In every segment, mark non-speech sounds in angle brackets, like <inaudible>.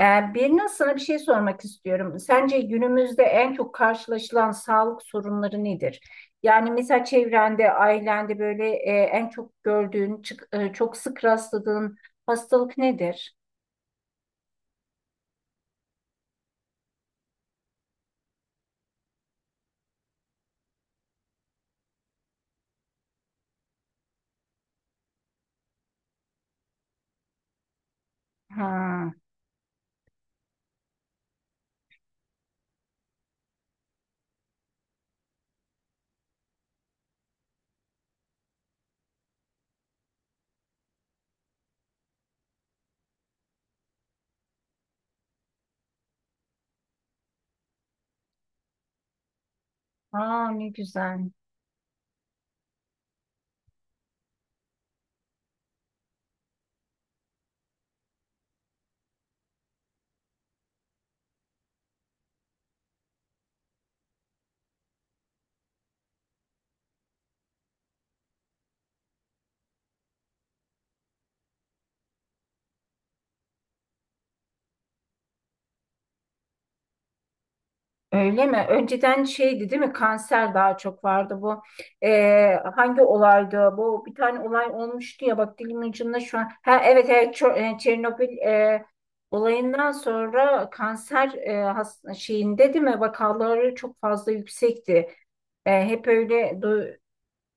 Birine sana bir şey sormak istiyorum. Sence günümüzde en çok karşılaşılan sağlık sorunları nedir? Yani mesela çevrende, ailende böyle en çok gördüğün, çok sık rastladığın hastalık nedir? Ha, aa, ne güzel. Öyle mi? Önceden şeydi değil mi? Kanser daha çok vardı bu. Hangi olaydı? Bu bir tane olay olmuştu ya bak dilimin ucunda şu an. Ha evet evet Çernobil olayından sonra kanser şeyinde değil mi? Vakaları çok fazla yüksekti. E, hep öyle du-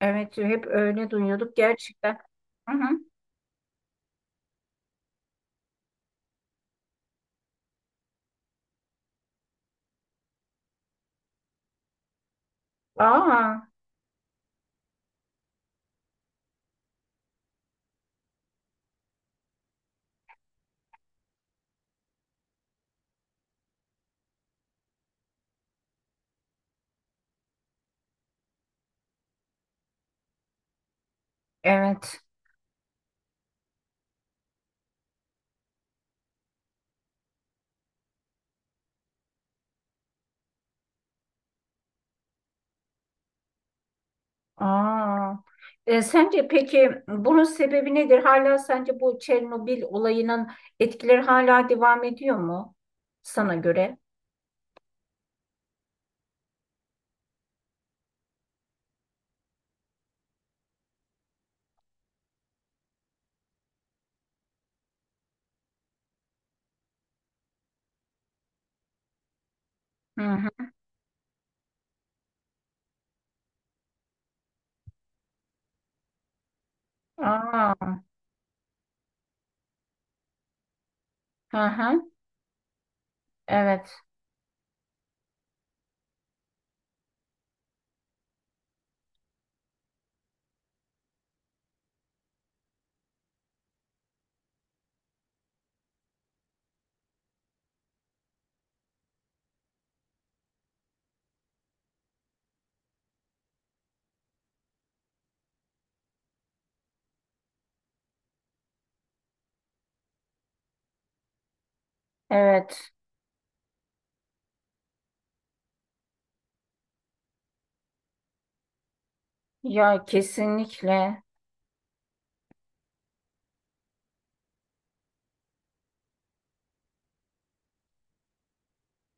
evet hep öyle duyuyorduk gerçekten. Hı hı. Aa evet. Aa, sence peki bunun sebebi nedir? Hala sence bu Çernobil olayının etkileri hala devam ediyor mu sana göre? Hı hı. Aa, hı hı. Evet, evet. Ya kesinlikle.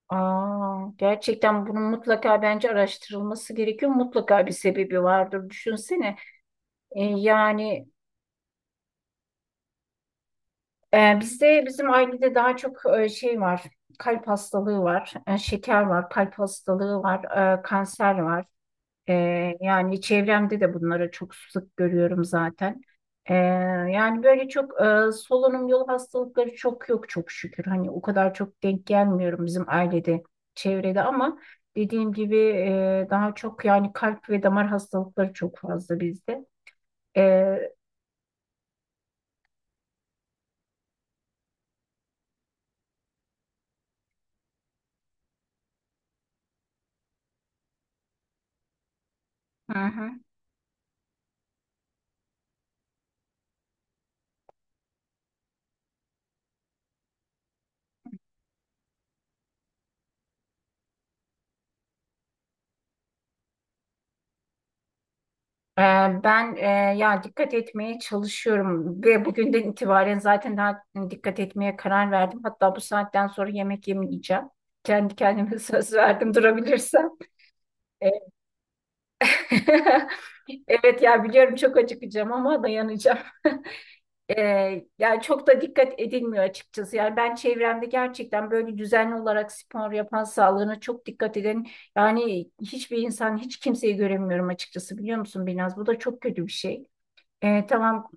Aa, gerçekten bunun mutlaka bence araştırılması gerekiyor. Mutlaka bir sebebi vardır. Düşünsene. E, yani Bizde bizim ailede daha çok şey var, kalp hastalığı var, şeker var, kalp hastalığı var, kanser var. E, yani çevremde de bunları çok sık görüyorum zaten. E, yani böyle çok solunum yolu hastalıkları çok yok çok şükür. Hani o kadar çok denk gelmiyorum bizim ailede, çevrede ama dediğim gibi daha çok yani kalp ve damar hastalıkları çok fazla bizde. E, hı hı. Ee, Ben ya dikkat etmeye çalışıyorum ve bugünden itibaren zaten daha dikkat etmeye karar verdim. Hatta bu saatten sonra yemek yemeyeceğim. Kendi kendime <laughs> söz verdim durabilirsem. Ee, <laughs> Evet ya biliyorum çok acıkacağım ama dayanacağım. Yani çok da dikkat edilmiyor açıkçası. Yani ben çevremde gerçekten böyle düzenli olarak spor yapan, sağlığına çok dikkat eden yani hiçbir insan, hiç kimseyi göremiyorum açıkçası biliyor musun Binaz? Bu da çok kötü bir şey. Ee, tamam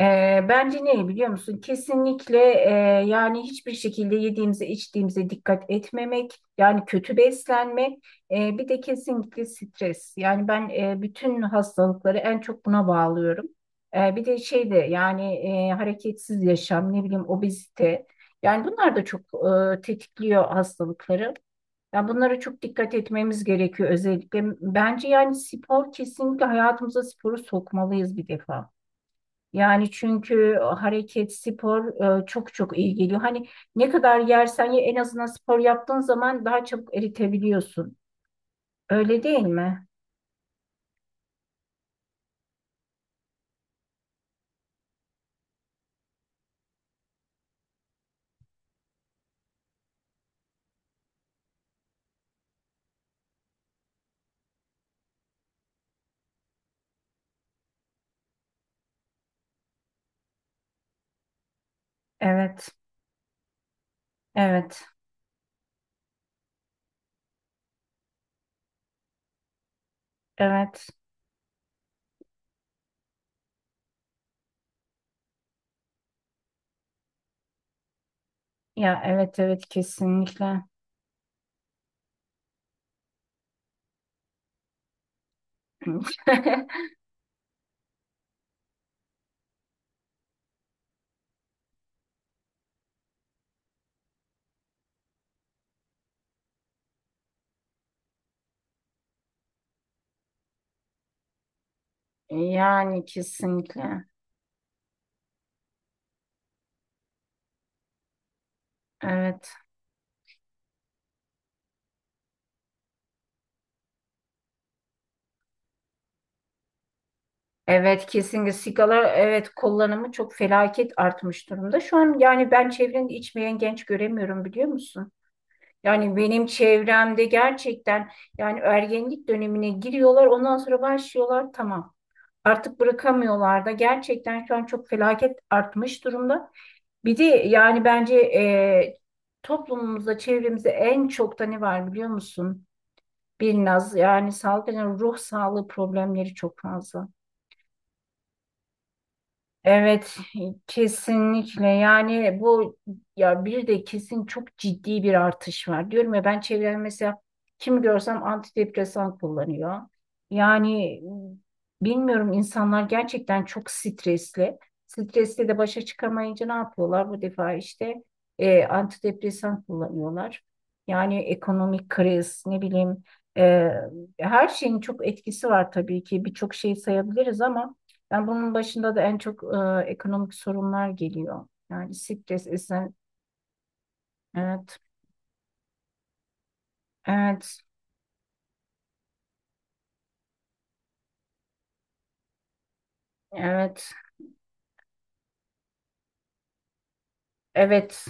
Bence ne biliyor musun? Kesinlikle, yani hiçbir şekilde yediğimize içtiğimize dikkat etmemek, yani kötü beslenmek, bir de kesinlikle stres. Yani ben bütün hastalıkları en çok buna bağlıyorum. Bir de şey de yani hareketsiz yaşam, ne bileyim obezite. Yani bunlar da çok tetikliyor hastalıkları. Yani bunlara çok dikkat etmemiz gerekiyor özellikle. Bence yani spor kesinlikle hayatımıza sporu sokmalıyız bir defa. Yani çünkü hareket, spor çok çok iyi geliyor. Hani ne kadar yersen ye en azından spor yaptığın zaman daha çabuk eritebiliyorsun. Öyle değil mi? Evet, evet, evet. Ya evet, evet kesinlikle. <laughs> Yani kesinlikle. Evet. Evet kesinlikle sigara evet kullanımı çok felaket artmış durumda. Şu an yani ben çevrende içmeyen genç göremiyorum biliyor musun? Yani benim çevremde gerçekten yani ergenlik dönemine giriyorlar ondan sonra başlıyorlar tamam. Artık bırakamıyorlar da gerçekten şu an çok felaket artmış durumda. Bir de yani bence toplumumuzda çevremizde en çok da ne var biliyor musun? Bir naz yani salgın ruh sağlığı problemleri çok fazla. Evet, kesinlikle. Yani bu ya bir de kesin çok ciddi bir artış var. Diyorum ya ben çevremde mesela kim görsem antidepresan kullanıyor. Yani bilmiyorum insanlar gerçekten çok stresli. Stresle de başa çıkamayınca ne yapıyorlar? Bu defa işte antidepresan kullanıyorlar. Yani ekonomik kriz, ne bileyim e, her şeyin çok etkisi var tabii ki. Birçok şey sayabiliriz ama yani bunun başında da en çok ekonomik sorunlar geliyor. Yani stres isen evet evet evet evet.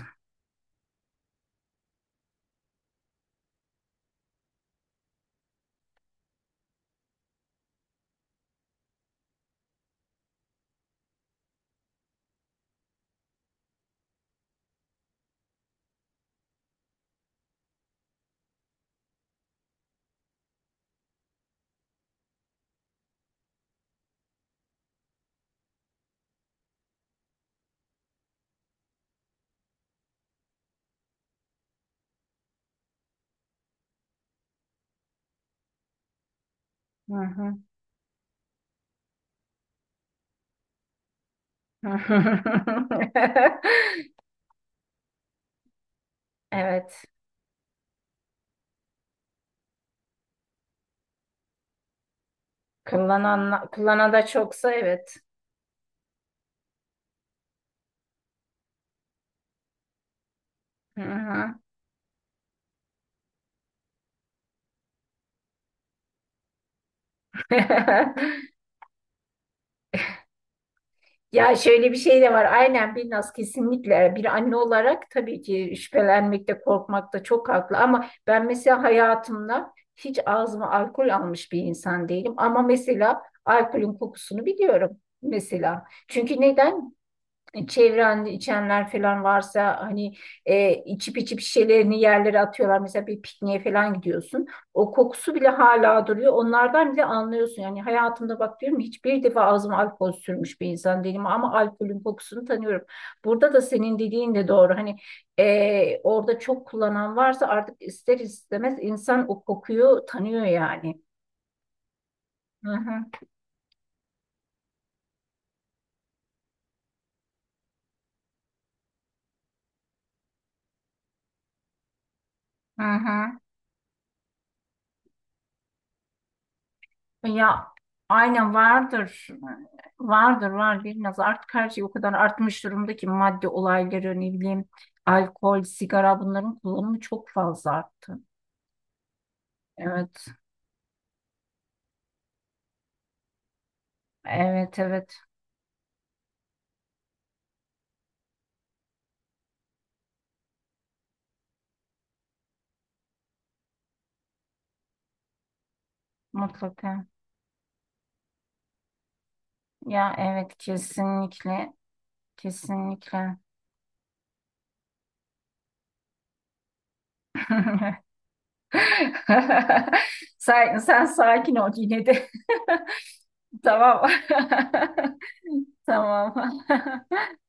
Hı hı. <laughs> Evet kullanan kullanana da çoksa evet. Hı hı. <laughs> Ya şöyle bir şey de var. Aynen Binnaz kesinlikle bir anne olarak tabii ki şüphelenmekte, korkmakta çok haklı. Ama ben mesela hayatımda hiç ağzıma alkol almış bir insan değilim. Ama mesela alkolün kokusunu biliyorum mesela. Çünkü neden? Çevrende içenler falan varsa hani içip içip şişelerini yerlere atıyorlar. Mesela bir pikniğe falan gidiyorsun. O kokusu bile hala duruyor. Onlardan bile anlıyorsun. Yani hayatımda bak diyorum hiçbir defa ağzıma alkol sürmüş bir insan değilim ama alkolün kokusunu tanıyorum. Burada da senin dediğin de doğru. Hani orada çok kullanan varsa artık ister istemez insan o kokuyu tanıyor yani. Hı hı. Hı hı. Ya aynen vardır. Vardır var biraz artık her şey o kadar artmış durumda ki madde olayları ne bileyim alkol, sigara bunların kullanımı çok fazla arttı. Evet. Evet evet mutlaka. Ya evet kesinlikle kesinlikle. <laughs> Sen, sakin ol yine de. <laughs> Tamam. <laughs> Tamam. <laughs>